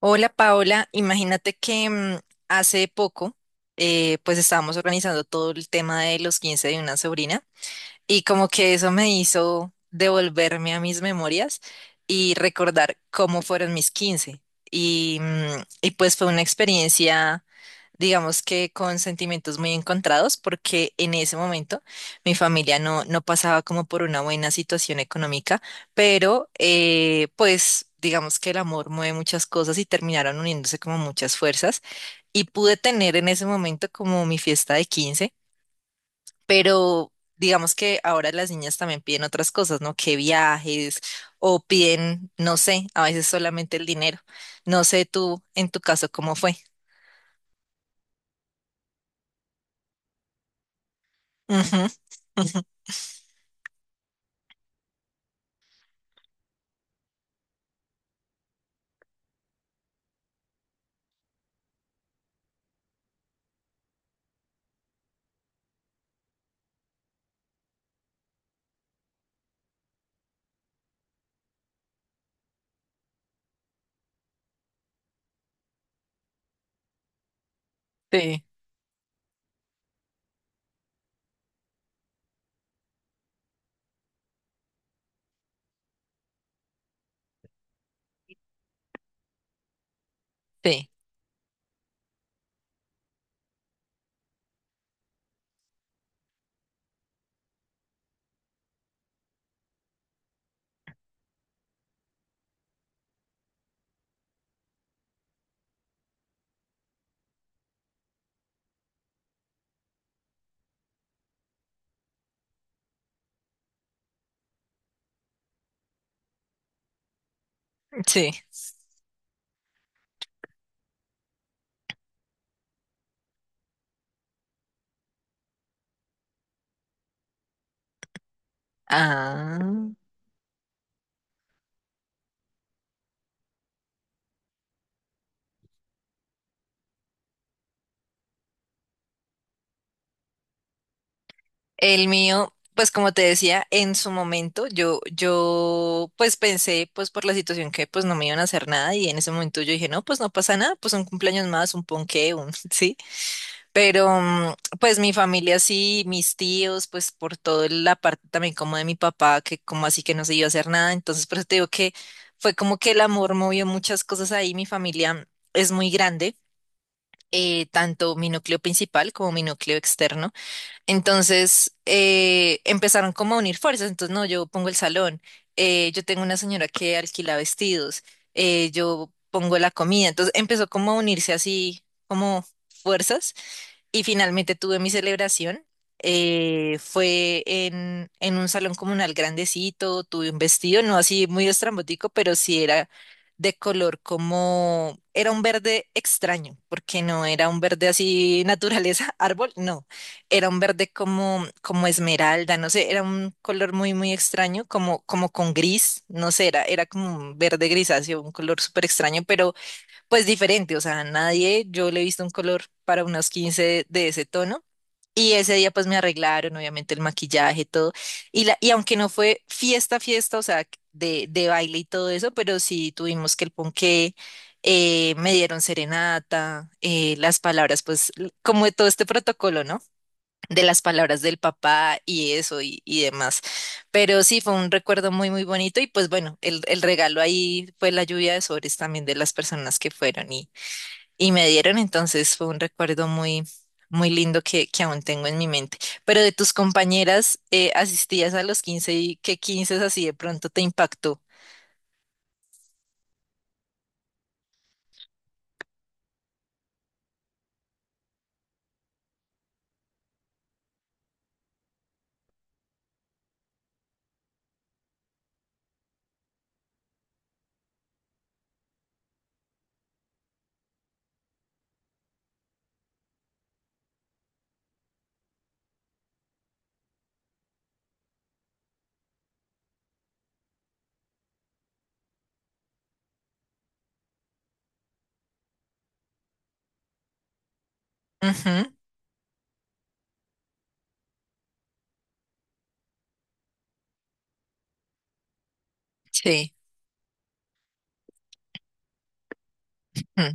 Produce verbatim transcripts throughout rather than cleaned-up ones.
Hola Paola, imagínate que mm, hace poco eh, pues estábamos organizando todo el tema de los quince de una sobrina, y como que eso me hizo devolverme a mis memorias y recordar cómo fueron mis quince. Y, mm, y pues fue una experiencia, digamos que con sentimientos muy encontrados, porque en ese momento mi familia no, no pasaba como por una buena situación económica, pero eh, pues digamos que el amor mueve muchas cosas y terminaron uniéndose como muchas fuerzas. Y pude tener en ese momento como mi fiesta de quince, pero digamos que ahora las niñas también piden otras cosas, ¿no? Que viajes o piden, no sé, a veces solamente el dinero. No sé tú, en tu caso, cómo fue. Ujú, ujú. Sí, sí, sí. Ah. El mío, pues como te decía, en su momento yo, yo pues pensé, pues por la situación, que pues no me iban a hacer nada, y en ese momento yo dije, no, pues no pasa nada, pues un cumpleaños más, un ponqué, un, sí. Pero mm, pues mi familia sí, mis tíos, pues por toda la parte también como de mi papá, que como así que no se iba a hacer nada, entonces por eso te digo que fue como que el amor movió muchas cosas ahí. Mi familia es muy grande, eh, tanto mi núcleo principal como mi núcleo externo, entonces eh, empezaron como a unir fuerzas, entonces no, yo pongo el salón, eh, yo tengo una señora que alquila vestidos, eh, yo pongo la comida, entonces empezó como a unirse así como fuerzas y finalmente tuve mi celebración. Eh, fue en, en un salón comunal grandecito, tuve un vestido, no así muy estrambótico, pero sí era de color como, era un verde extraño, porque no era un verde así naturaleza, árbol, no, era un verde como, como esmeralda, no sé, era un color muy, muy extraño, como, como con gris, no sé, era, era como un verde grisáceo, un color súper extraño, pero pues diferente, o sea, nadie, yo le he visto un color para unos quince de ese tono. Y ese día pues me arreglaron, obviamente el maquillaje, todo. Y, la, y aunque no fue fiesta, fiesta, o sea, de, de baile y todo eso, pero sí tuvimos que el ponqué, eh, me dieron serenata, eh, las palabras, pues l- como de todo este protocolo, ¿no? De las palabras del papá y eso y, y demás. Pero sí, fue un recuerdo muy, muy bonito y pues bueno, el, el regalo ahí fue la lluvia de sobres también de las personas que fueron y me dieron, entonces fue un recuerdo muy, muy lindo que, que aún tengo en mi mente. Pero de tus compañeras, eh, asistías a los quince, y qué quince así de pronto te impactó. Ujú, sí, ujú,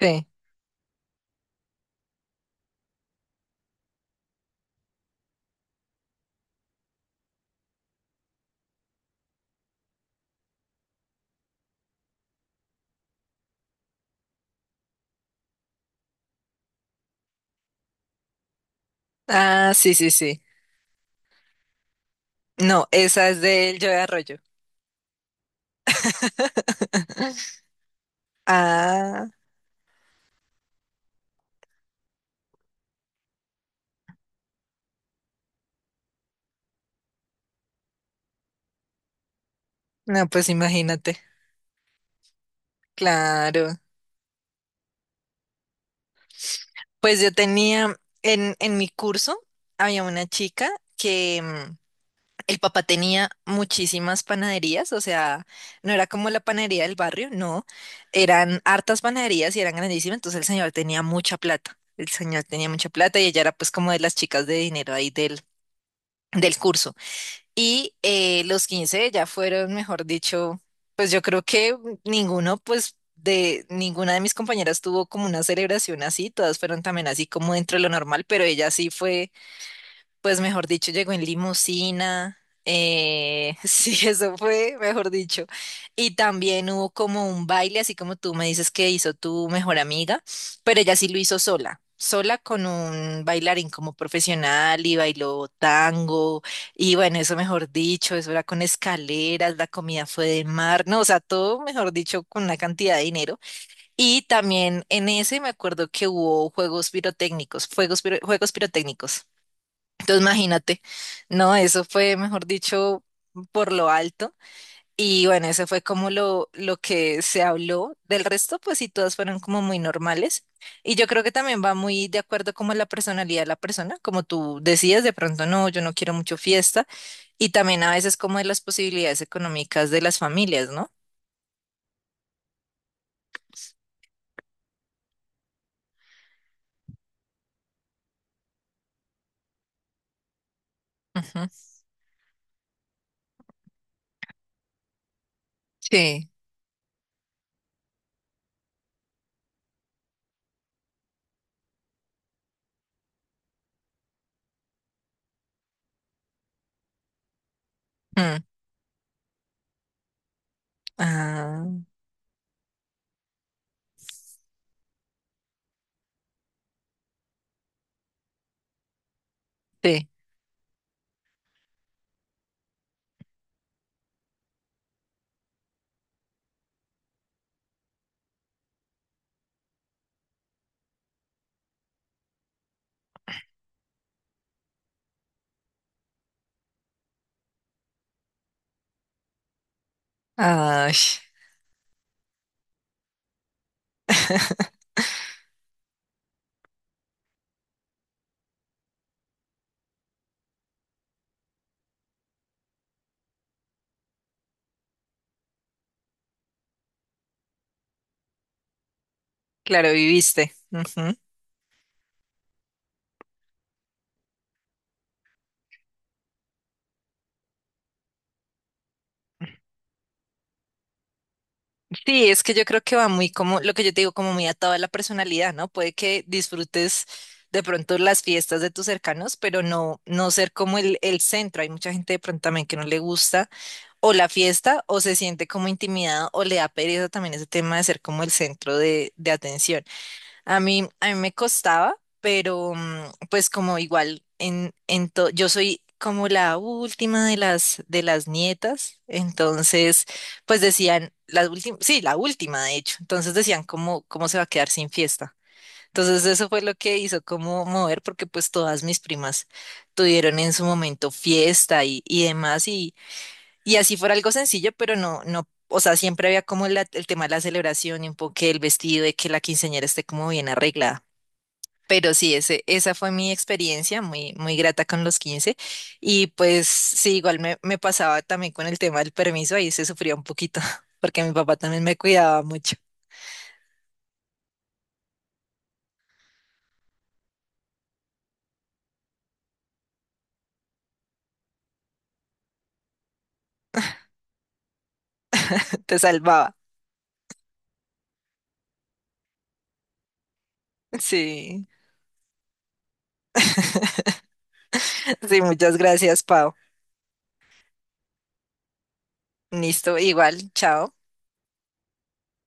sí. Ah, sí, sí, sí. No, esa es del Yo de Arroyo. Ah, no, pues imagínate. Claro. Pues yo tenía en, en mi curso, había una chica que, mm, el papá tenía muchísimas panaderías, o sea, no era como la panadería del barrio, no, eran hartas panaderías y eran grandísimas, entonces el señor tenía mucha plata, el señor tenía mucha plata, y ella era pues como de las chicas de dinero ahí del, del curso. Y eh, los quince ya fueron, mejor dicho, pues yo creo que ninguno, pues de ninguna de mis compañeras tuvo como una celebración así, todas fueron también así como dentro de lo normal, pero ella sí fue, pues mejor dicho, llegó en limusina. Eh, sí, eso fue, mejor dicho. Y también hubo como un baile, así como tú me dices que hizo tu mejor amiga, pero ella sí lo hizo sola, sola con un bailarín como profesional, y bailó tango. Y bueno, eso mejor dicho, eso era con escaleras, la comida fue de mar, no, o sea, todo mejor dicho con una cantidad de dinero. Y también en ese me acuerdo que hubo juegos pirotécnicos, fuegos piro- juegos pirotécnicos. Entonces, imagínate, no, eso fue, mejor dicho, por lo alto. Y bueno, eso fue como lo, lo que se habló. Del resto, pues sí, todas fueron como muy normales. Y yo creo que también va muy de acuerdo como a la personalidad de la persona, como tú decías, de pronto no, yo no quiero mucho fiesta. Y también a veces como de las posibilidades económicas de las familias, ¿no? Ujú. Sí. Mm. Ah, sí. Ay, claro, viviste. Ujú. Sí, es que yo creo que va muy como, lo que yo te digo, como muy atado a la personalidad, ¿no? Puede que disfrutes de pronto las fiestas de tus cercanos, pero no, no ser como el, el centro. Hay mucha gente de pronto también que no le gusta o la fiesta o se siente como intimidada o le da pereza también ese tema de ser como el centro de, de atención. A mí, a mí me costaba, pero mm, pues como igual en, en to- yo soy como la última de las de las nietas, entonces pues decían la última, sí, la última de hecho, entonces decían cómo cómo se va a quedar sin fiesta. Entonces eso fue lo que hizo como mover, porque pues todas mis primas tuvieron en su momento fiesta y, y demás, y y así fuera algo sencillo, pero no no, o sea, siempre había como la- el tema de la celebración y un poco que el vestido, de que la quinceañera esté como bien arreglada. Pero sí, ese, esa fue mi experiencia muy, muy grata con los quince. Y pues sí, igual me, me pasaba también con el tema del permiso, ahí se sufría un poquito, porque mi papá también me cuidaba mucho, te salvaba. Sí, sí, muchas gracias, Pau. Listo, igual, chao.